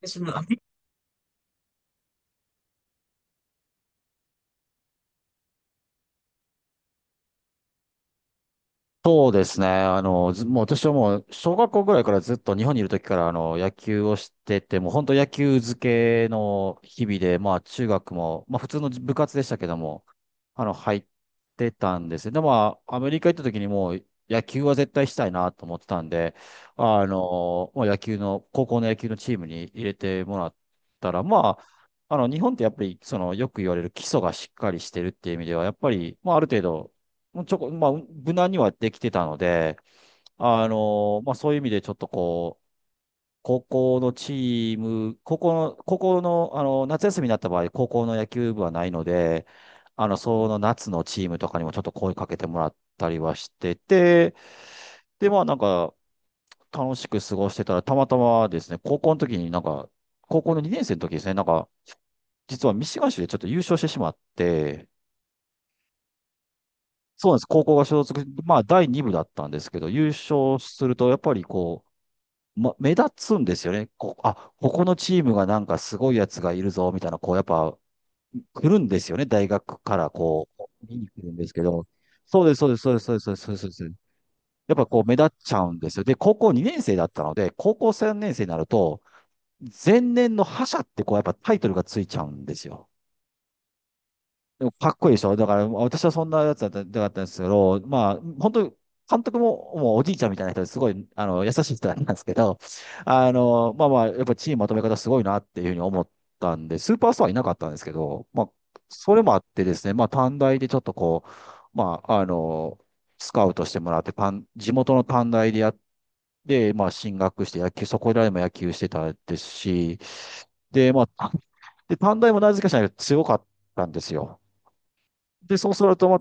私も、あそうですね。あの、ずもう私は小学校ぐらいからずっと日本にいる時から、野球をしてて、もう本当野球漬けの日々で、まあ中学も、まあ普通の部活でしたけども、入ってたんですよ。でも、まあ、アメリカ行った時にもう、野球は絶対したいなと思ってたんで、まあ野球の、高校の野球のチームに入れてもらったら、まあ、日本ってやっぱり、その、よく言われる基礎がしっかりしてるっていう意味では、やっぱり、まあ、ある程度、もうちょこ、まあ、無難にはできてたので、まあ、そういう意味でちょっとこう、高校のチーム、高校の、高校の、あの、夏休みになった場合、高校の野球部はないので、その夏のチームとかにもちょっと声かけてもらったりはしてて、で、まあ、なんか、楽しく過ごしてたら、たまたまですね、高校の2年生の時ですね、なんか、実はミシガン州でちょっと優勝してしまって。そうなんです。高校が所属、まあ、第2部だったんですけど、優勝すると、やっぱりこう、ま、目立つんですよね。こう、あ、ここのチームがなんかすごいやつがいるぞ、みたいな、こう、やっぱ、来るんですよね。大学からこう、見に来るんですけど、そうです、そうです、そうです、そうです、そうです、そうです。そうです。やっぱこう、目立っちゃうんですよ。で、高校2年生だったので、高校3年生になると、前年の覇者ってこう、やっぱタイトルがついちゃうんですよ。でもかっこいいでしょ。だから、私はそんなやつだった、だったんですけど、まあ、本当に、監督も、もうおじいちゃんみたいな人ですごい、優しい人なんですけど、まあまあ、やっぱチームまとめ方すごいなっていうふうに思ったんで、スーパースターはいなかったんですけど、まあ、それもあってですね、まあ、短大でちょっとこう、まあ、スカウトしてもらって、地元の短大でやって、まあ、進学して野球、そこらでも野球してたですし、で、まあ、で、短大もなぜかしら強かったんですよ。で、そうすると、ま、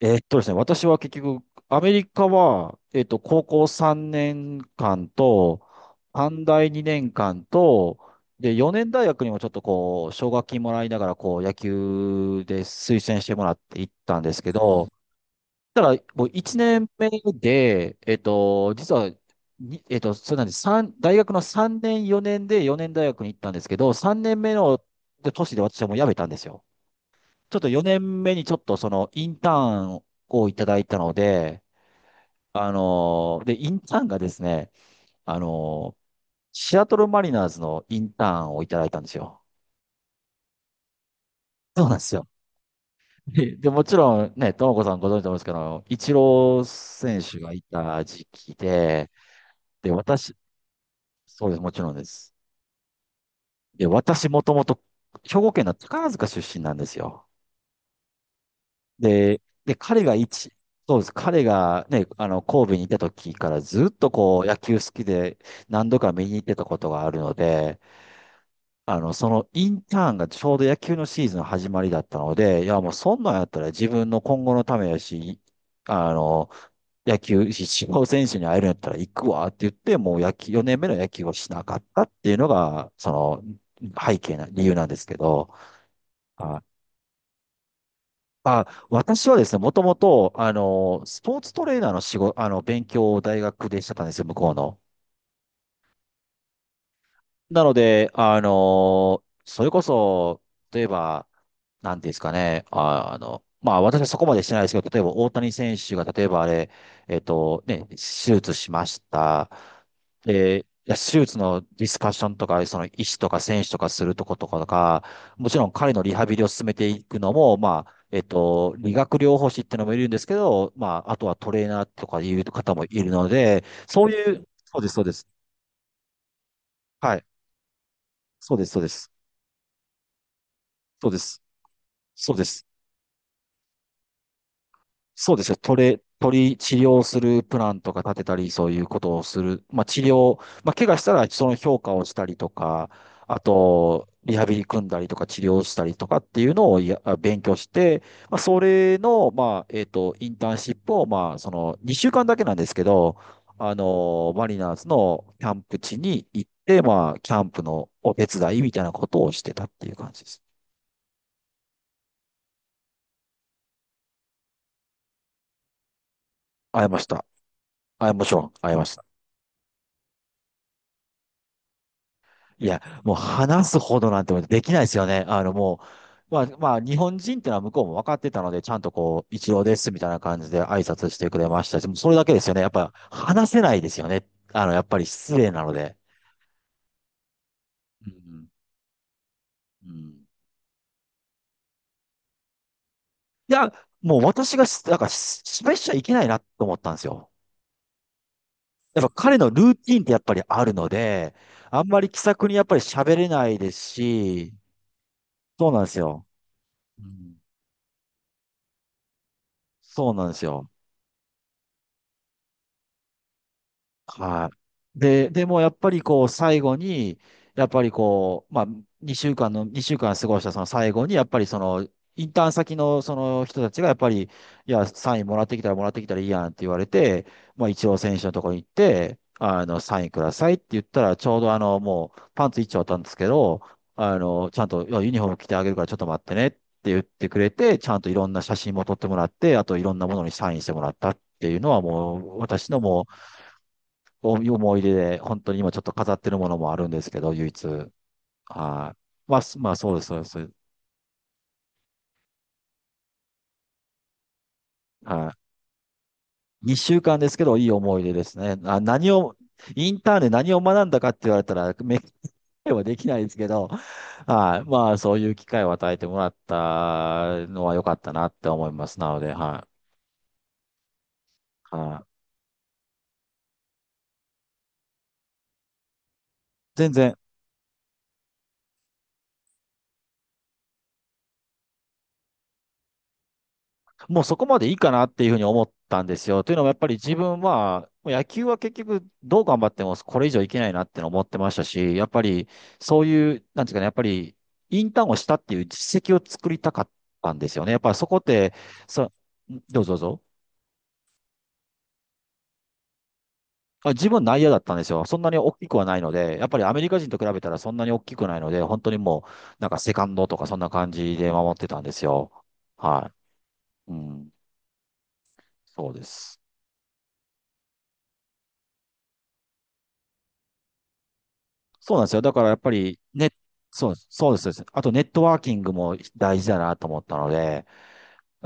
ですね、私は結局、アメリカは、高校3年間と、短大2年間と、で、4年大学にもちょっとこう、奨学金もらいながら、こう、野球で推薦してもらって行ったんですけど、ただ、もう1年目で、えーっと、実は、にえーっと、そうなんです。三大学の3年、4年で4年大学に行ったんですけど、3年目の年で私はもう辞めたんですよ。ちょっと4年目にちょっとそのインターンをいただいたので、あのーで、インターンがですね、あのーシアトルマリナーズのインターンをいただいたんですよ。そうなんですよ。で、で、もちろんね、ともこさんご存知だと思うんですけど、イチロー選手がいた時期で、で、私、そうです、もちろんです。で、私もともと兵庫県の宝塚出身なんですよ。で、で、彼が一、そうです。彼がね、神戸にいた時からずっとこう、野球好きで何度か見に行ってたことがあるので、そのインターンがちょうど野球のシーズンの始まりだったので、いや、もうそんなんやったら自分の今後のためやし、あの、野球、一応選手に会えるんやったら行くわって言って、もう野球、4年目の野球をしなかったっていうのが、その、背景な、理由なんですけど。はい。あ、私はですね、もともと、スポーツトレーナーの仕事、勉強を大学でしてたんですよ、向こうの。なので、あのーそれこそ、例えば、なんていうんですかね、あ、あの、まあ私はそこまでしてないですけど、例えば大谷選手が、例えばあれ、えっとね、手術しました。で、いや手術のディスカッションとか、その医師とか選手とかするとことか、もちろん彼のリハビリを進めていくのも、まあ、えっと、理学療法士っていうのもいるんですけど、まあ、あとはトレーナーとかいう方もいるので、そういう、そうです、そうです。はい。そうです、そうです。そうです。そうです。そうですよ。治療するプランとか立てたり、そういうことをする。まあ治療、まあ怪我したらその評価をしたりとか、あと、リハビリ組んだりとか治療したりとかっていうのを勉強して、まあそれの、まあ、えっと、インターンシップを、まあその2週間だけなんですけど、マリナーズのキャンプ地に行って、まあキャンプのお手伝いみたいなことをしてたっていう感じです。会えました。会えましょう。会えました。いや、もう話すほどなんてできないですよね。あの、もう、まあ、まあ、日本人ってのは向こうも分かってたので、ちゃんとこう、一郎ですみたいな感じで挨拶してくれましたし、もうそれだけですよね。やっぱ、話せないですよね。やっぱり失礼なので。うん。うん。いや、もう私がし、なんか、し失敗しちゃいけないなと思ったんですよ。やっぱ彼のルーティンってやっぱりあるので、あんまり気さくにやっぱり喋れないですし、そうなんですよ。うん、そうなんですよ。はい。で、でもやっぱりこう最後に、やっぱりこう、まあ2週間過ごしたその最後に、やっぱりその、インターン先のその人たちがやっぱり、いや、サインもらってきたらいいやんって言われて、まあ一応選手のところに行って、サインくださいって言ったら、ちょうどあの、もうパンツ一丁あったんですけど、ちゃんと、いやユニフォーム着てあげるからちょっと待ってねって言ってくれて、ちゃんといろんな写真も撮ってもらって、あといろんなものにサインしてもらったっていうのはもう、私のもう、おいう思い出で、本当に今ちょっと飾ってるものもあるんですけど、唯一。はい。まあ、すまあ、そうです、そうです。はい。2週間ですけど、いい思い出ですね。あ、何を、インターンで何を学んだかって言われたら、はできないですけど、はい。まあ、そういう機会を与えてもらったのは良かったなって思います。なので、はい。はい。全然もうそこまでいいかなっていうふうに思ったんですよ。というのもやっぱり自分は、もう野球は結局どう頑張ってもこれ以上いけないなっての思ってましたし、やっぱりそういう、なんですかね、やっぱりインターンをしたっていう実績を作りたかったんですよね。やっぱりそこって、そ、どうぞどうぞ。あ、自分内野だったんですよ。そんなに大きくはないので、やっぱりアメリカ人と比べたらそんなに大きくないので、本当にもうなんかセカンドとかそんな感じで守ってたんですよ。はい。うん。そうです。そうなんですよ。だからやっぱり、ね、そう、そうです。そうです。あとネットワーキングも大事だなと思ったので、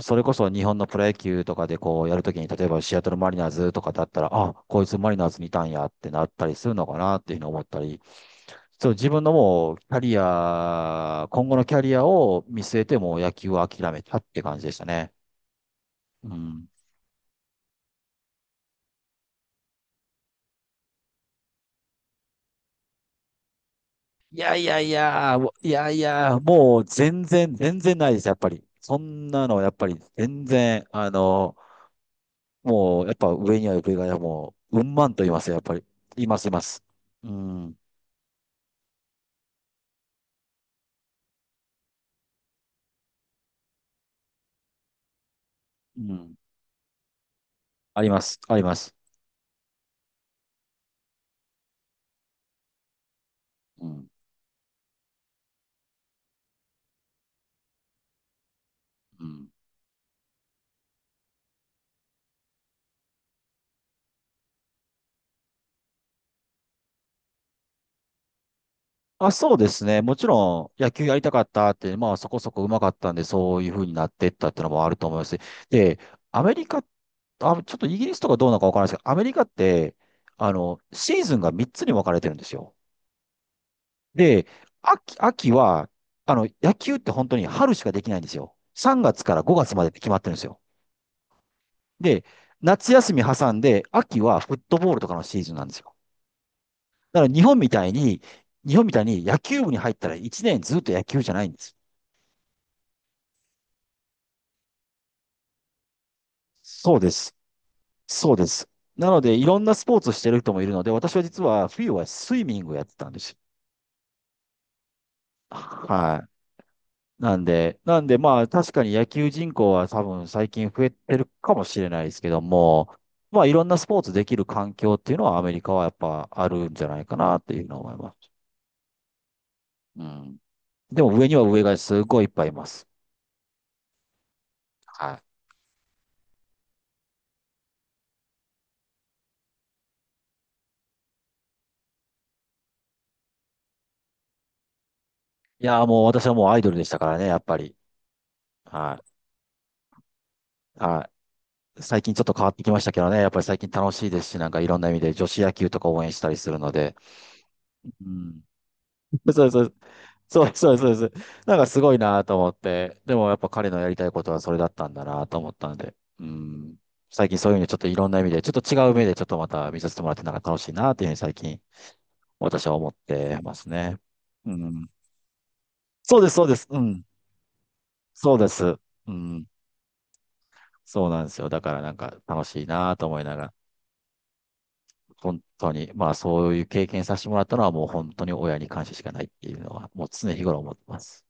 それこそ日本のプロ野球とかでこうやるときに、例えばシアトルマリナーズとかだったら、あ、こいつマリナーズにいたんやってなったりするのかなっていうふうに思ったり、そう、自分のもうキャリア、今後のキャリアを見据えてもう野球を諦めたって感じでしたね。うん。いやいやいや、もういやいや、もう全然、全然ないです、やっぱり。そんなの、やっぱり全然、もう、やっぱ上には上が、もう、うんまんと言いますよ、やっぱり。います、います。うん、うん。あります、あります。うん、うん。あ、そうですね。もちろん、野球やりたかったって、まあ、そこそこ上手かったんで、そういう風になってったってのもあると思いますし。で、アメリカ、あ、ちょっとイギリスとかどうなのかわからないですけど、アメリカって、シーズンが3つに分かれてるんですよ。で、秋は、野球って本当に春しかできないんですよ。3月から5月までって決まってるんですよ。で、夏休み挟んで、秋はフットボールとかのシーズンなんですよ。だから日本みたいに、日本みたいに野球部に入ったら1年ずっと野球じゃないんです。そうです。そうです。なので、いろんなスポーツをしてる人もいるので、私は実は冬はスイミングをやってたんです。はい。なんでまあ確かに野球人口は多分最近増えてるかもしれないですけども、まあいろんなスポーツできる環境っていうのはアメリカはやっぱあるんじゃないかなっていうのを思います。うん。でも上には上がすごいいっぱいいます。いやーもう私はもうアイドルでしたからね、やっぱり。はい。はい。最近ちょっと変わってきましたけどね、やっぱり最近楽しいですし、なんかいろんな意味で女子野球とか応援したりするので。うん。そうそう。そうそうそうそう。なんかすごいなと思って。でもやっぱ彼のやりたいことはそれだったんだなと思ったので。うん。最近そういう意味でちょっといろんな意味で、ちょっと違う目でちょっとまた見させてもらってなんか楽しいなっていうふうに最近私は思ってますね。うん。そうです、そうです。うん。そうです。うん。そうなんですよ。だからなんか楽しいなと思いながら、本当に、まあそういう経験させてもらったのはもう本当に親に感謝しかないっていうのは、もう常日頃思ってます。